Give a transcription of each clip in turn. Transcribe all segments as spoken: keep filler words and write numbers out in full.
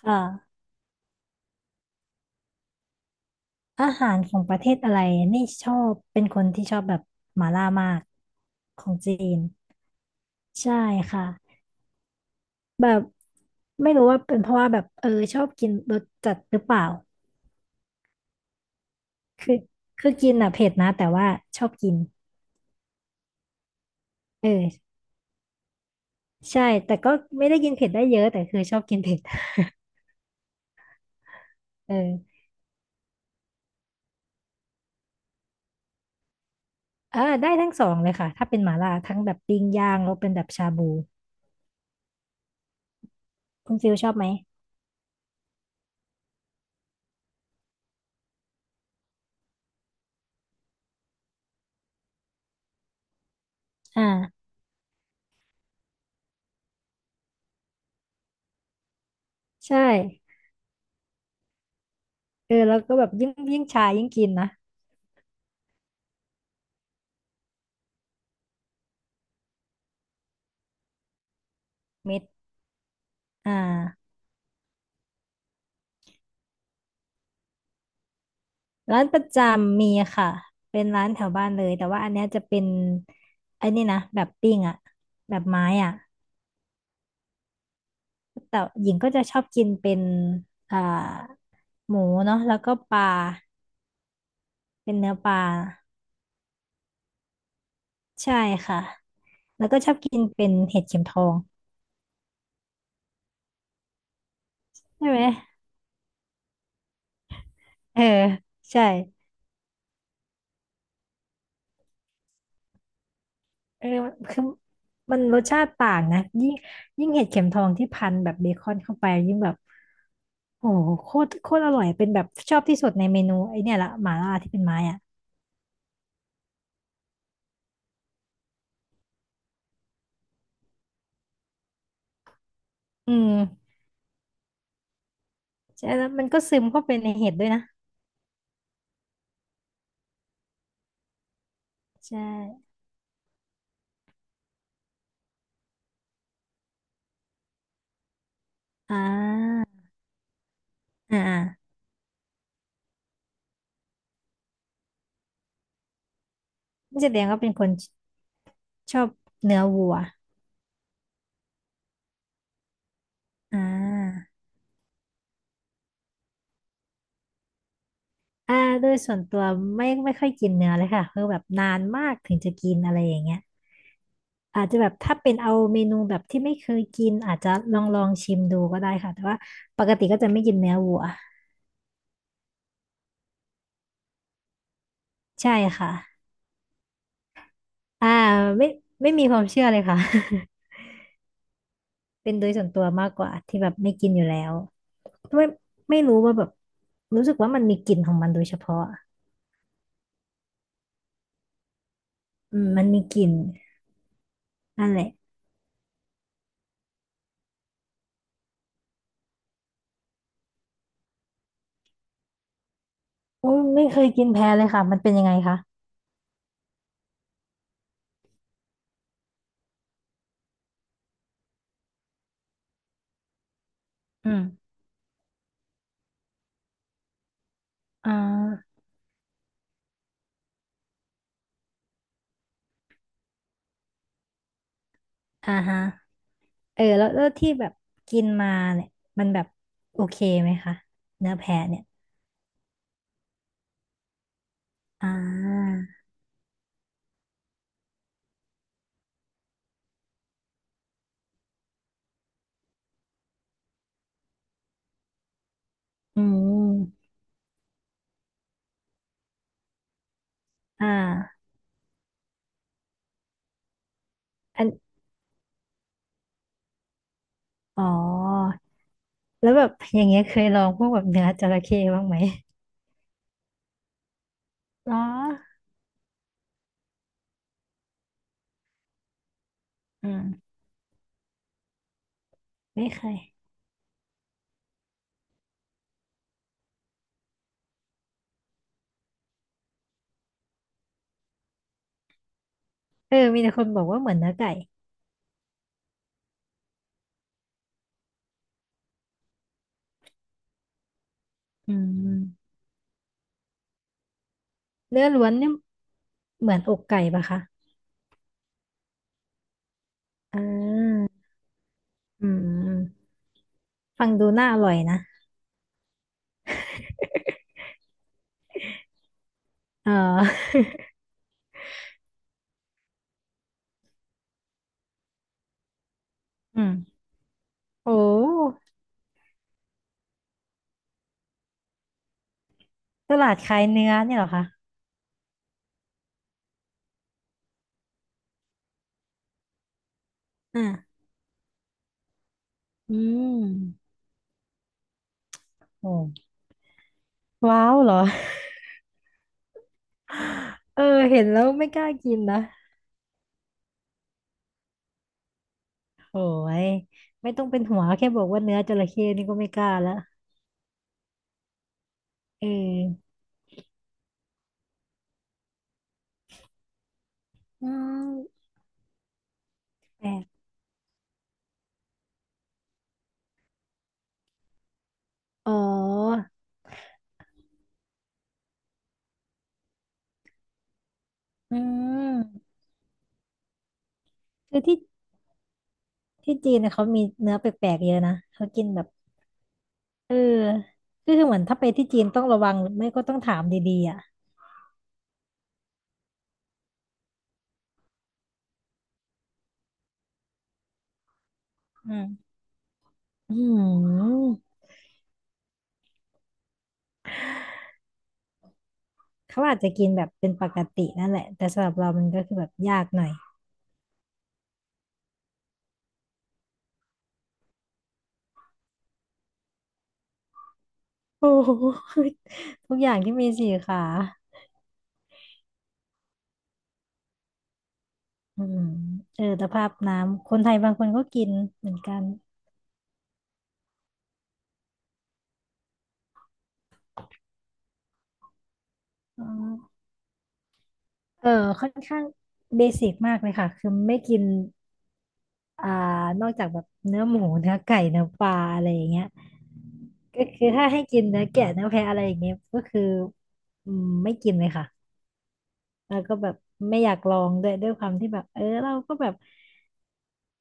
ค่ะอาหารของประเทศอะไรนี่ชอบเป็นคนที่ชอบแบบหม่าล่ามากของจีนใช่ค่ะแบบไม่รู้ว่าเป็นเพราะว่าแบบเออชอบกินรสจัดหรือเปล่าคือคือกินอ่ะเผ็ดนะแต่ว่าชอบกินเออใช่แต่ก็ไม่ได้กินเผ็ดได้เยอะแต่คือชอบกินเผ็ดเอออ่าได้ทั้งสองเลยค่ะถ้าเป็นหม่าล่าทั้งแบบปิ้งย่างแล้วเป็นแบบชาบูคุณฟิลชอบไหมอ่าใช่เออแล้วก็แบบยิ่งยิ่งชายิ่งกินนะเม็ด อ่าร้านประจำมีค่ะเป็นร้านแถวบ้านเลยแต่ว่าอันเนี้ยจะเป็นไอ้นี่นะแบบปิ้งอะแบบไม้อะแต่หญิงก็จะชอบกินเป็นอ่าหมูเนาะแล้วก็ปลาเป็นเนื้อปลาใช่ค่ะแล้วก็ชอบกินเป็นเห็ดเข็มทองใช่ไหมเออใช่ เออคือมันรสชาติต่างนะยิ่งยิ่งเห็ดเข็มทองที่พันแบบเบคอนเข้าไปยิ่งแบบโอ้โหโคตรโคตรอร่อยเป็นแบบชอบที่สุดในเมนูไอเนี่ยละหม่าล่าที่เป็นไม้อ่ะอืมใช่แล้วมันก็ซึมเข้าไปในเห็ดด้วยนะใช่อ่าอ่าอ่านี่แสดงว่าเป็นคนชอบเนื้อวัวอ่า อ่าโดยส่วนตัวไม่ไม่ค่อยกินเนื้อเลยค่ะคือแบบนานมากถึงจะกินอะไรอย่างเงี้ยอาจจะแบบถ้าเป็นเอาเมนูแบบที่ไม่เคยกินอาจจะลองลองชิมดูก็ได้ค่ะแต่ว่าปกติก็จะไม่กินเนื้อวัวใช่ค่ะอ่าไม่ไม่มีความเชื่อเลยค่ะ เป็นโดยส่วนตัวมากกว่าที่แบบไม่กินอยู่แล้วไม่ไม่รู้ว่าแบบรู้สึกว่ามันมีกลิ่นของมันโดยเฉพาะอืมมันมีกลิ่นนั่นแหละโอ้ยไม่เคยกินแพ้เลยค่ะมันเป็นยังไงคะอืมอ่า อ่าฮะเออแล้วแล้วที่แบบกินมาเนี่ยมันแบบโอเคไหมคะเนื้อแพะเนี่ยอ่าอืมอ่าอันอ๋อแล้วแบบอย่างเงี้ยเคยลองพวกแบบเนื้อจระเข้บ้างไหมอ๋ออืมไม่เคยเออมีแต่คนบอกว่าเหมือนเนื้อไก่อืมเนื้อล้วนเนี่ยเหมือนอกไก่ปะคะอ่าอืมฟังดูน่าอร่อยนะเออ อืม โอ้ตลาดขายเนื้อเนี่ยเหรอคะ อืมโอ้ว้าวเหรอเออเห็นแล้วไม่กล้ากินนะโหยไม่ต้องเป็นหัวแค่บอกว่าเนื้อจระเข้นี่ก็ไม่กล้าละเอออืมแปลกอ๋ออืมคือที่ที่จีนนะเขามีเนื้อแปลกๆเยอะนะ เขากินแบบเออคือคือเหมือนถ้าไปที่จีนต้องระวังหรือไม่ก็ต้องถามดีๆอ่ะอืมอืมเขาอาจจะกินแบบเป็นปกตินั่นแหละแต่สำหรับเรามันก็คือแบบยากหน่อย โอ้ โหทุกอย่างที่มีสี่ขาอืมเออแต่ภาพน้ำคนไทยบางคนก็กินเหมือนกันอ๋อเออค่อนข้างเบสิกมากเลยค่ะคือไม่กินอ่านอกจากแบบเนื้อหมูเนื้อไก่เนื้อปลาอะไรอย่างเงี้ยก็คือถ้าให้กินเนื้อแกะเนื้อแพะอะไรอย่างเงี้ยก็คืออืมไม่กินเลยค่ะแล้วก็แบบไม่อยากลองด้วยด้วยความที่แบบเออเราก็แบบ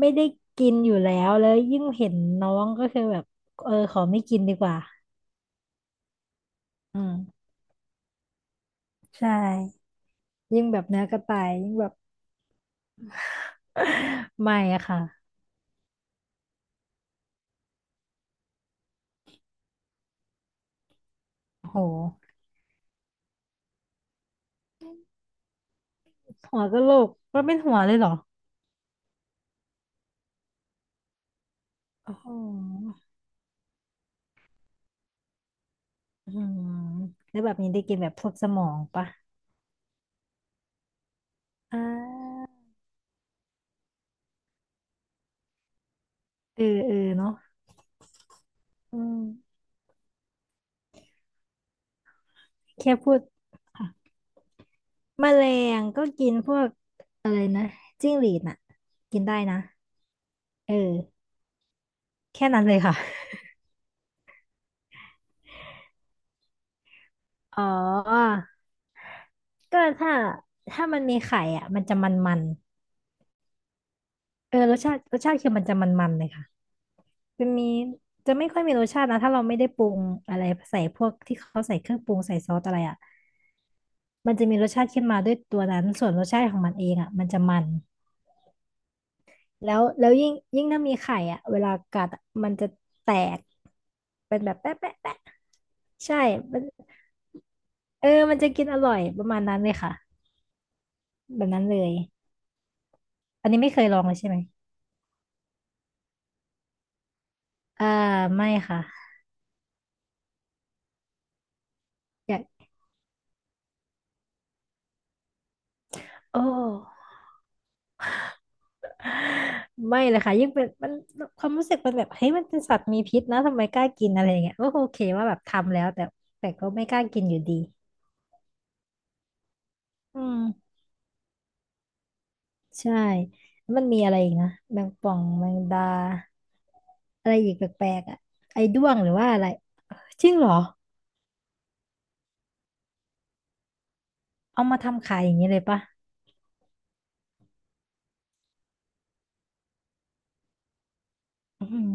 ไม่ได้กินอยู่แล้วแล้วยิ่งเห็นน้องก็คือแบบเออขอไม่กินดีกว่า อืมใช่ยิ่งแบบเนื้อกระต่ายยิ่งแบบ ไม่อะค่ะโหหัวกะโหลกก็นเป็นหัวเลยเหรอโอ้โหอืมแล้วแบบนี้ได้กินแบบพวกสมองปะอ่าเออเออเนาะอืมแค่พูดค่ะแมลงก็กินพวกอะไรนะจิ้งหรีดน่ะกินได้นะเออแค่นั้นเลยค่ะอ๋อก็ถ้าถ้ามันมีไข่อ่ะมันจะมันๆเออรสชาติรสชาติคือมันจะมันๆเลยค่ะ จะมีจะไม่ค่อยมีรสชาตินะถ้าเราไม่ได้ปรุงอะไรใส่พวกที่เขาใส่เครื่องปรุงใส่ซอสอะไรอ่ะมันจะมีรสชาติขึ้นมาด้วยตัวนั้นส่วนรสชาติของมันเองอ่ะมันจะมันแล้วแล้วยิ่งยิ่งถ้ามีไข่อ่ะเวลากัดอะมันจะแตกเป็นแบบแปะแปะแปะใช่มันเออมันจะกินอร่อยประมาณนั้นเลยค่ะแบบนั้นเลยอันนี้ไม่เคยลองเลยใช่ไหมอ่าไม่ค่ะอยากโอ้ ไม่เลยค่ะยิ่งเป็นมันความรู้สึกมันแบบเฮ้ยมันเป็นสัตว์มีพิษนะทำไมกล้ากินอะไรอย่างเงี้ยก็โอเคว่าแบบทำแล้วแต่แต่ก็ไม่กล้ากินอยู่ดีอืมใช่มันมีอะไรอีกนะแมงป่องแมงดาอะไรอีกแปลกๆอ่ะไอ้ด้วงหรือว่าอะไรจริงเหรอเอามาทำขายอย่างนี้เลยปะอืม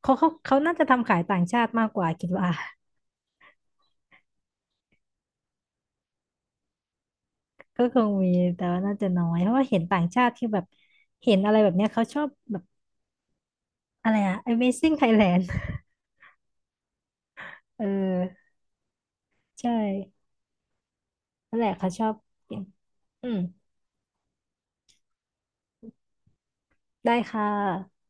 เขาเขาเขาน่าจะทำขายต่างชาติมากกว่าคิดว่า ก็คงมีแต่ว่าน่าจะน้อยเพราะว่าเห็นต่างชาติที่แบบเห็นอะไรแบบเนี้ยเขาชอบแบบ อะไรอะ อะเมซิ่ง ไทยแลนด์ เออใช่นั่นแหละเขาชอบอืมได้ค่ะ